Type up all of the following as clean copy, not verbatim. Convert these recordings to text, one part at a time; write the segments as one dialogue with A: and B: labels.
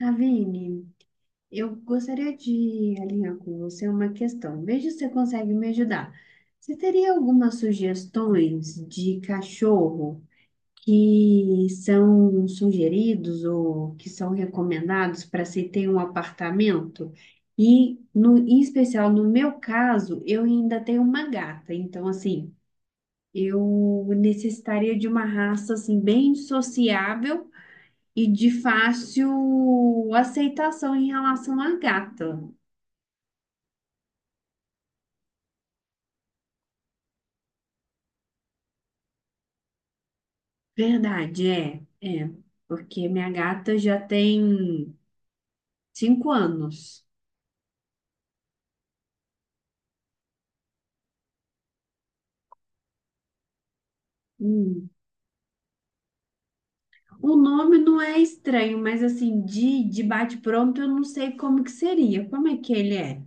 A: Ravine, eu gostaria de alinhar com você uma questão. Veja se você consegue me ajudar. Você teria algumas sugestões de cachorro que são sugeridos ou que são recomendados para se ter um apartamento? Em especial, no meu caso, eu ainda tenho uma gata. Então, assim, eu necessitaria de uma raça assim, bem sociável e de fácil aceitação em relação à gata. Verdade, é, é. Porque minha gata já tem 5 anos. Hum. O nome não é estranho, mas assim, de bate-pronto eu não sei como que seria. Como é que ele é?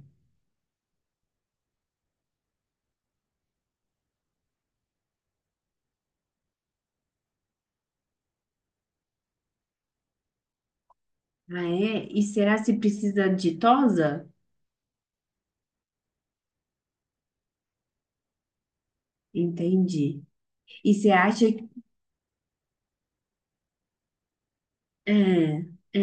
A: Ah, é? E será se precisa de tosa? Entendi. E você acha. É, é.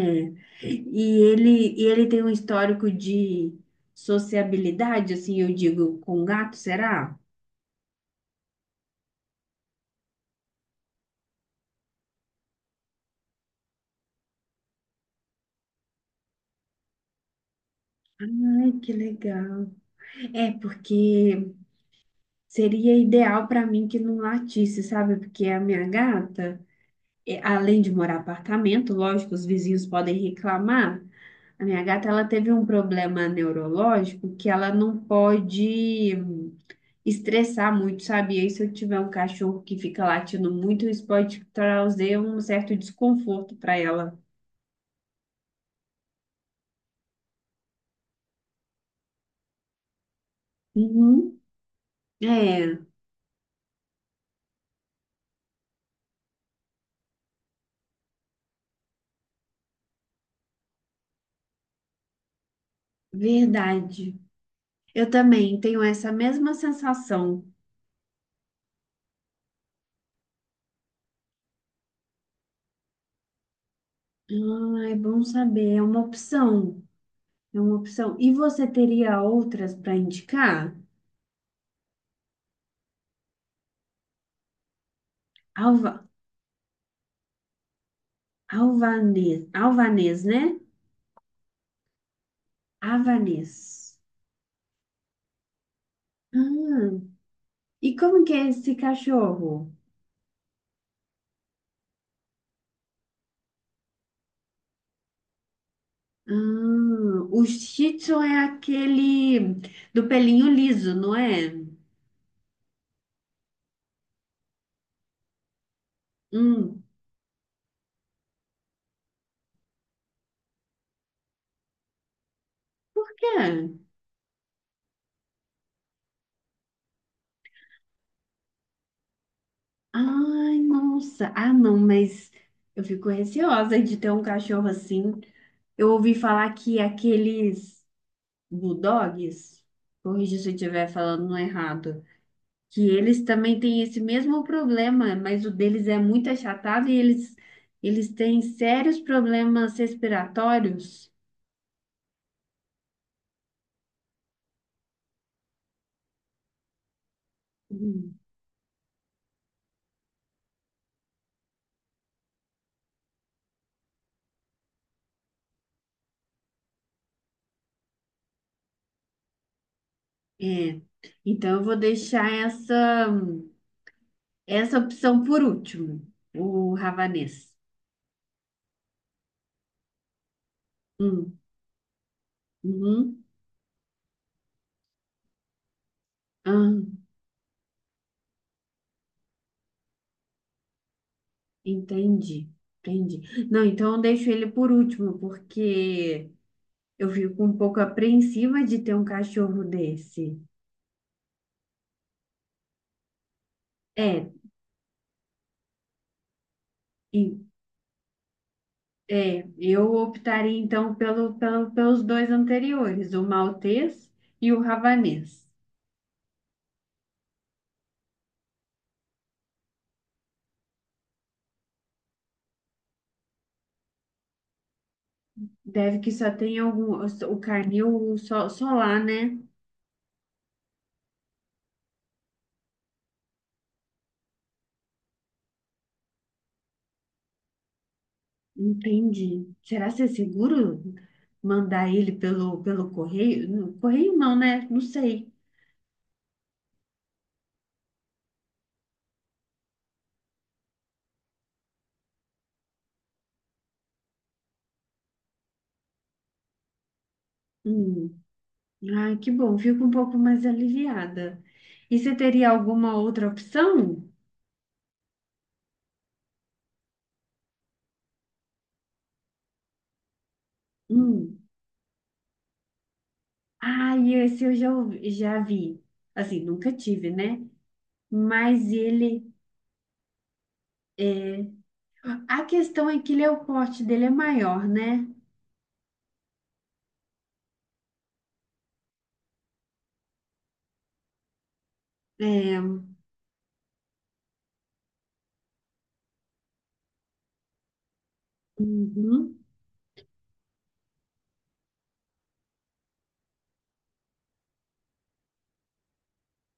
A: E ele tem um histórico de sociabilidade, assim, eu digo, com gato, será? Ai, que legal. É, porque seria ideal para mim que não latisse, sabe? Porque a minha gata, é, além de morar em apartamento, lógico, os vizinhos podem reclamar. A minha gata, ela teve um problema neurológico que ela não pode estressar muito, sabe? E aí, se eu tiver um cachorro que fica latindo muito, isso pode trazer um certo desconforto para ela. Uhum. É, verdade. Eu também tenho essa mesma sensação. Ah, é bom saber, é uma opção. É uma opção. E você teria outras para indicar? Alva, alvanês, alvanês, né? Avanês. Ah, e como que é esse cachorro? Ah, o Shih Tzu é aquele do pelinho liso, não é? Hum, por quê? Ai, nossa. Ah, não, mas eu fico receosa de ter um cachorro assim. Eu ouvi falar que aqueles bulldogs, corrija se eu estiver falando errado, que eles também têm esse mesmo problema, mas o deles é muito achatado e eles têm sérios problemas respiratórios. É, então eu vou deixar essa opção por último, o ravanês. Hum, uhum, ah, entendi, entendi. Não, então eu deixo ele por último, porque eu fico um pouco apreensiva de ter um cachorro desse. É, e- é, eu optaria então pelos dois anteriores, o maltês e o ravanês. Deve que só tem algum, o carnil só lá, né? Entendi. Será que é seguro mandar ele pelo correio? Correio não, né? Não sei. Hum. Ai, que bom, fico um pouco mais aliviada. E você teria alguma outra opção? Hum. Ai, esse eu ouvi- já vi. Assim, nunca tive, né? Mas ele é. A questão é que ele é o porte dele é maior, né? É. Uhum.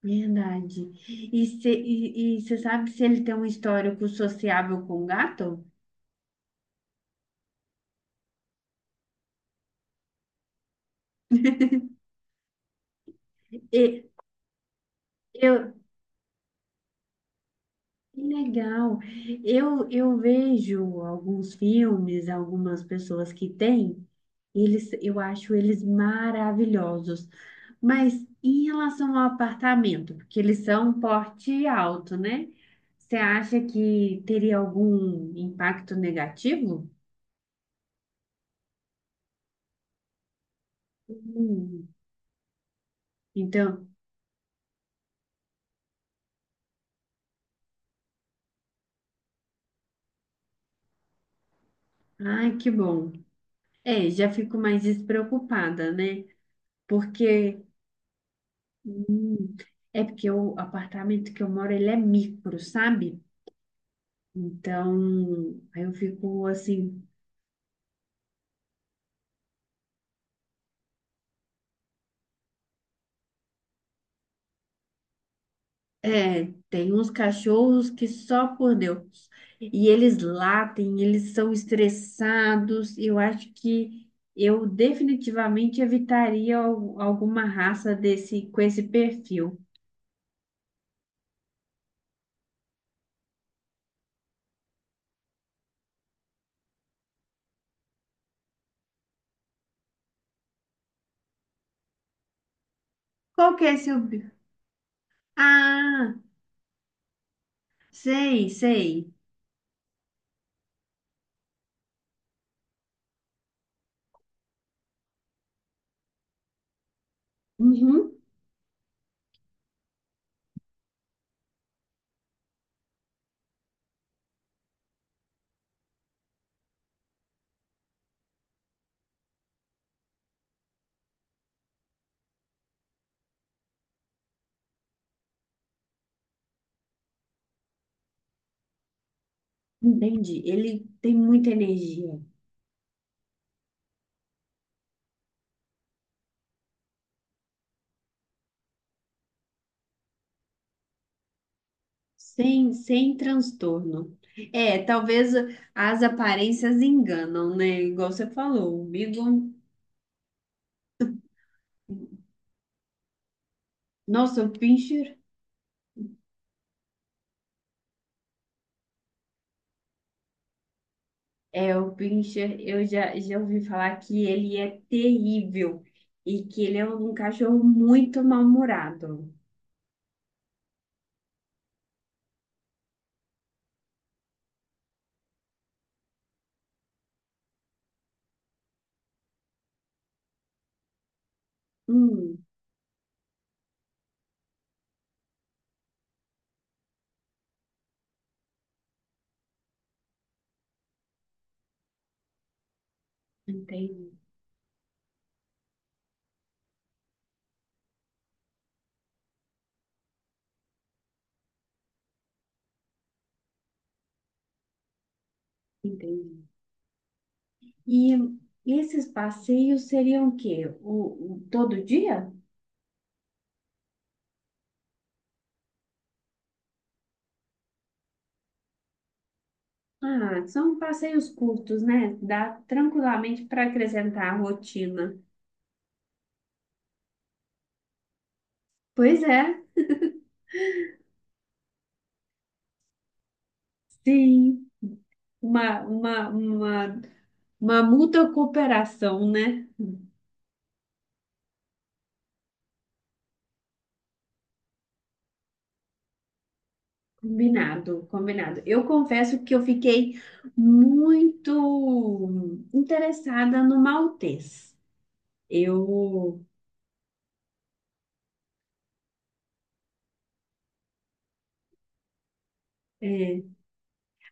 A: Verdade. E você sabe se ele tem um histórico sociável com gato? E, eu, que legal. Eu vejo alguns filmes, algumas pessoas que têm, eles, eu acho eles maravilhosos. Mas em relação ao apartamento, porque eles são porte alto, né? Você acha que teria algum impacto negativo? Hum, então, ai, que bom. É, já fico mais despreocupada, né? Porque é porque o apartamento que eu moro, ele é micro, sabe? Então, aí eu fico assim, é, tem uns cachorros que só por Deus. E eles latem, eles são estressados. Eu acho que eu definitivamente evitaria alguma raça desse com esse perfil. Qual que é seu? Ah, sei, sei. Uhum. Entendi. Ele tem muita energia, sem transtorno. É, talvez as aparências enganam, né? Igual você falou, o Beagle. Nossa, o Pinscher, é, o Pinscher, eu já ouvi falar que ele é terrível e que ele é um cachorro muito mal-humorado. Hum, Entendi, entendi. E esses passeios seriam o quê? Todo dia? Ah, são passeios curtos, né? Dá tranquilamente para acrescentar a rotina. Pois é, sim. Uma, uma, uma, uma mútua cooperação, né? Combinado, combinado. Eu confesso que eu fiquei muito interessada no Maltês. Eu. É.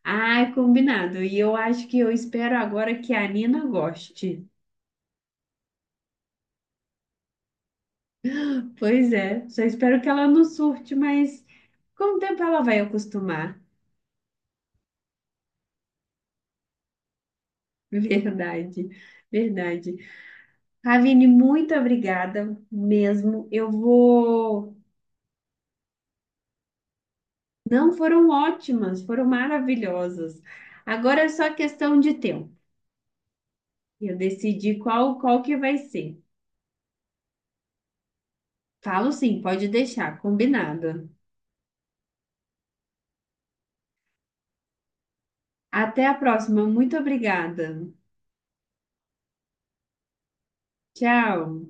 A: Ai, combinado. E eu acho que eu espero agora que a Nina goste. Pois é, só espero que ela não surte, mas com o tempo ela vai acostumar. Verdade, verdade. Ravine, muito obrigada mesmo. Eu vou. Não foram ótimas, foram maravilhosas. Agora é só questão de tempo. Eu decidi qual que vai ser. Falo sim, pode deixar, combinado. Até a próxima. Muito obrigada. Tchau.